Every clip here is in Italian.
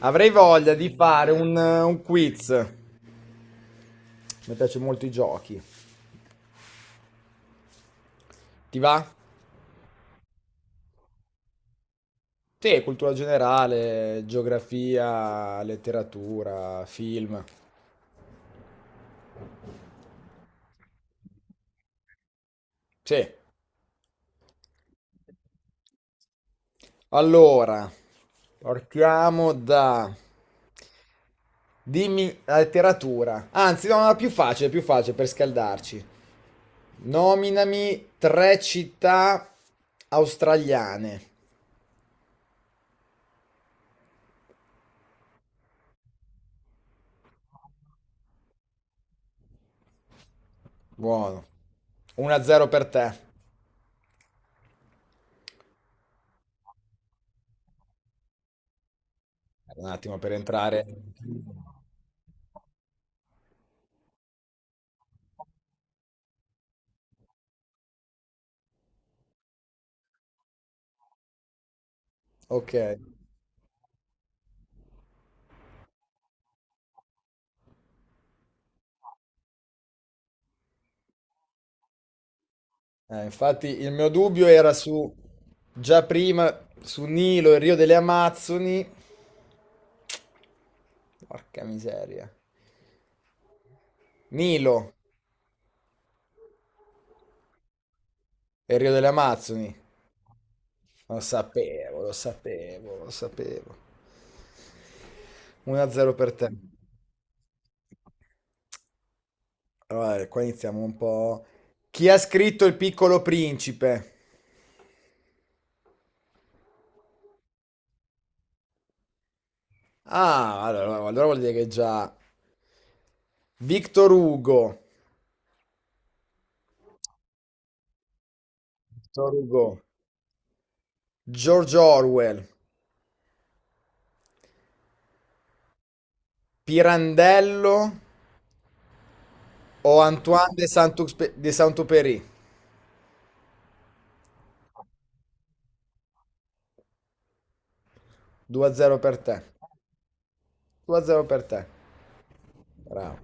Avrei voglia di fare un quiz. Mi piace molto i giochi. Ti va? Sì, cultura generale, geografia, letteratura, film. Sì. Allora, partiamo da... Dimmi la letteratura. Anzi, no, no, più facile per scaldarci. Nominami tre città australiane. Buono. 1-0 per te. Un attimo per entrare. Ok. Infatti il mio dubbio era su già prima su Nilo e Rio delle Amazzoni. Porca miseria. Nilo e Rio delle Amazzoni. Lo sapevo, lo sapevo, lo sapevo. 1-0 per te. Allora, qua iniziamo un po'. Chi ha scritto Il Piccolo Principe? Ah, allora vuol dire che già Victor Hugo. Victor Hugo. George Orwell, Pirandello o Antoine de Saint-Exupéry? 2-0 per te. 2-0 per te. Bravo.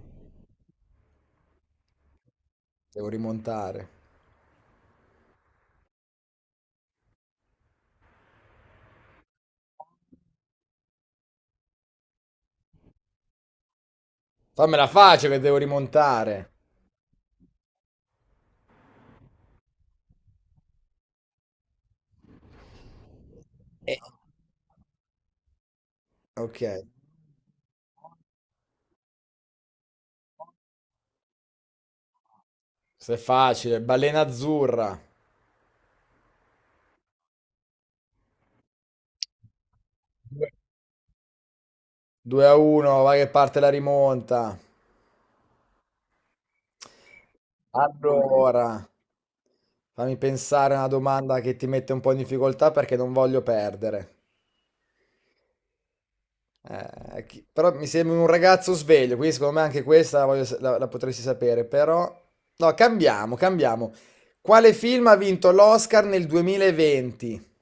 Devo rimontare. Fammela facile che devo rimontare. Eh, Ok. Se è facile. Balena azzurra. 2-1, vai che parte la rimonta. Allora, fammi pensare a una domanda che ti mette un po' in difficoltà perché non voglio perdere. Però mi sembra un ragazzo sveglio, quindi secondo me anche questa la, voglio sa- la- la potresti sapere, però. No, cambiamo, cambiamo. Quale film ha vinto l'Oscar nel 2020?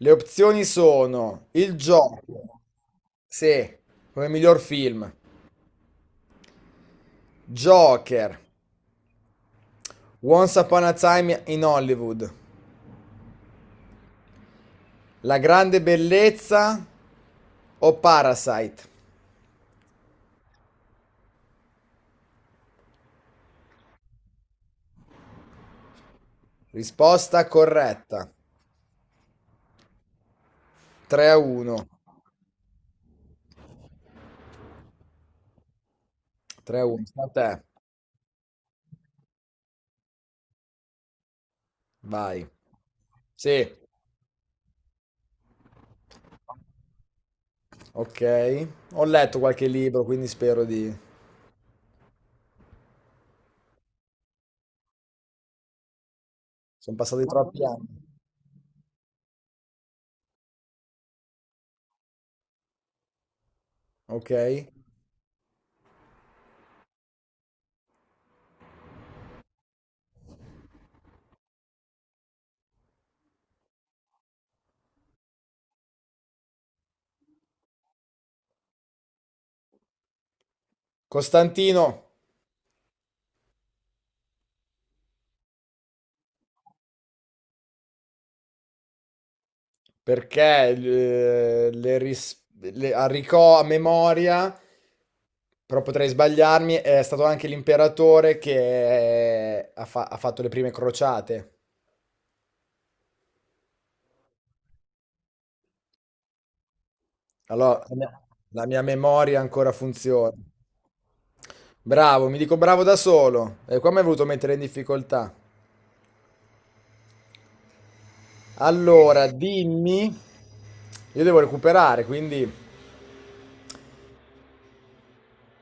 Le opzioni sono Il Gioco, sì, come miglior film, Joker, Once Upon a Time in Hollywood, La Grande Bellezza o Parasite? Risposta corretta. 3 a 1. 3 a 1. Vai. Sì, ok. Ho letto qualche libro, quindi spero di. Sono passati troppi anni. Ok. Costantino, perché le, ris- le- a ricò- a memoria, però potrei sbagliarmi, è stato anche l'imperatore che ha fatto le prime crociate. Allora, la mia memoria ancora funziona. Bravo, mi dico bravo da solo. E qua mi hai voluto mettere in difficoltà. Allora, dimmi, io devo recuperare, quindi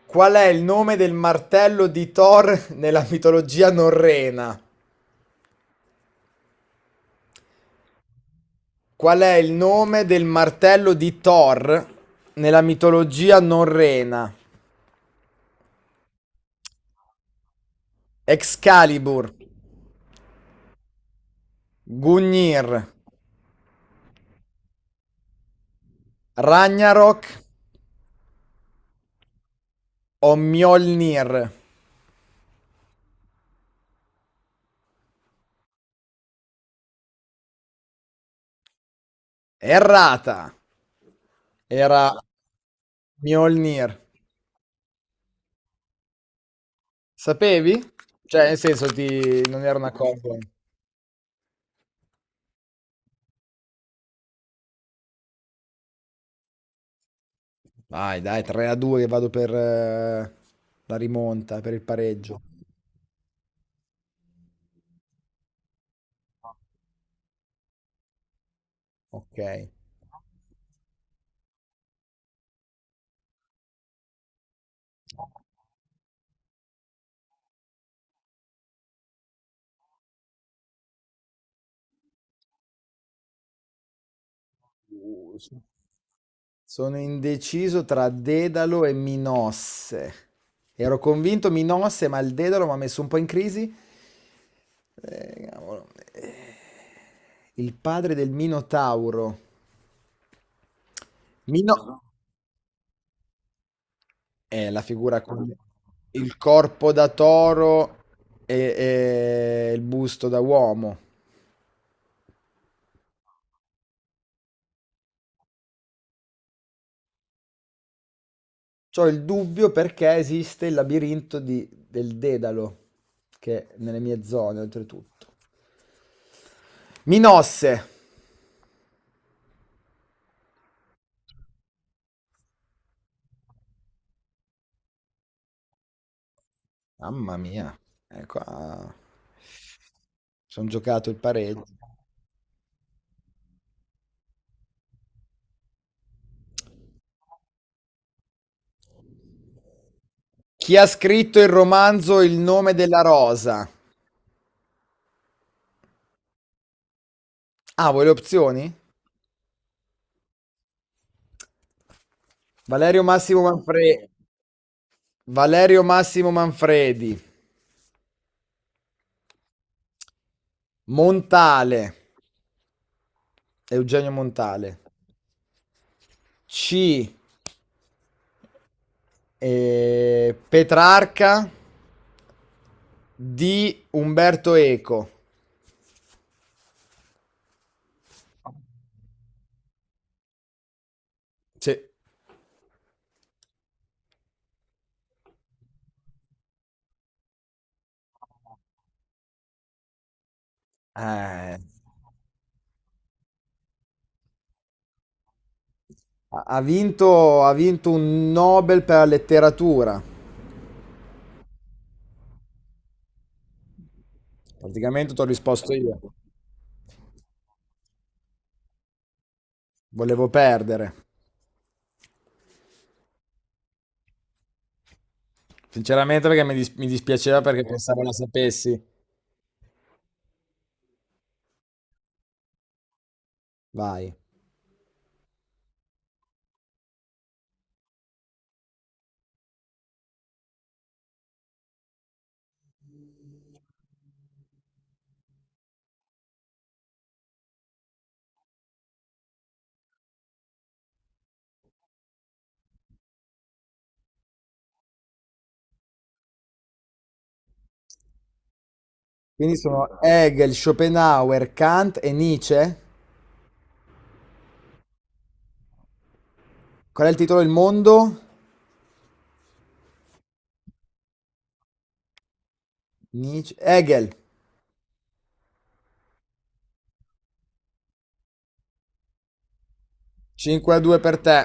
qual è il nome del martello di Thor nella mitologia norrena? Qual è il nome del martello di Thor nella mitologia norrena? Excalibur, Gungnir, Ragnarok o Mjolnir? Errata. Era Mjolnir. Sapevi? Cioè, nel senso, non era una cosa. Vai, dai, 3 a 2 che vado per la rimonta, per il pareggio. Ok. Sì. Sono indeciso tra Dedalo e Minosse. Ero convinto Minosse, ma il Dedalo mi ha messo un po' in crisi. Cavolo. Eh, Il padre del Minotauro. Mino È la figura con il corpo da toro e, e il busto da uomo. C'ho il dubbio perché esiste il labirinto del Dedalo, che è nelle mie zone, oltretutto. Minosse! Mamma mia, qua. Sono giocato il pareggio. Chi ha scritto il romanzo Il nome della rosa? Ah, vuoi le opzioni? Valerio Massimo Manfredi. Valerio Massimo Manfredi. Montale. Eugenio Montale. C, Petrarca. Di Umberto Eco. Sì. Ha ha vinto un Nobel per la letteratura. Praticamente ti ho risposto io. Volevo perdere. Sinceramente perché mi dispiaceva perché pensavo la sapessi. Vai. Quindi sono Hegel, Schopenhauer, Kant e Nietzsche. Qual è il titolo del mondo? Nietzsche. Hegel. 5 a 2 per te.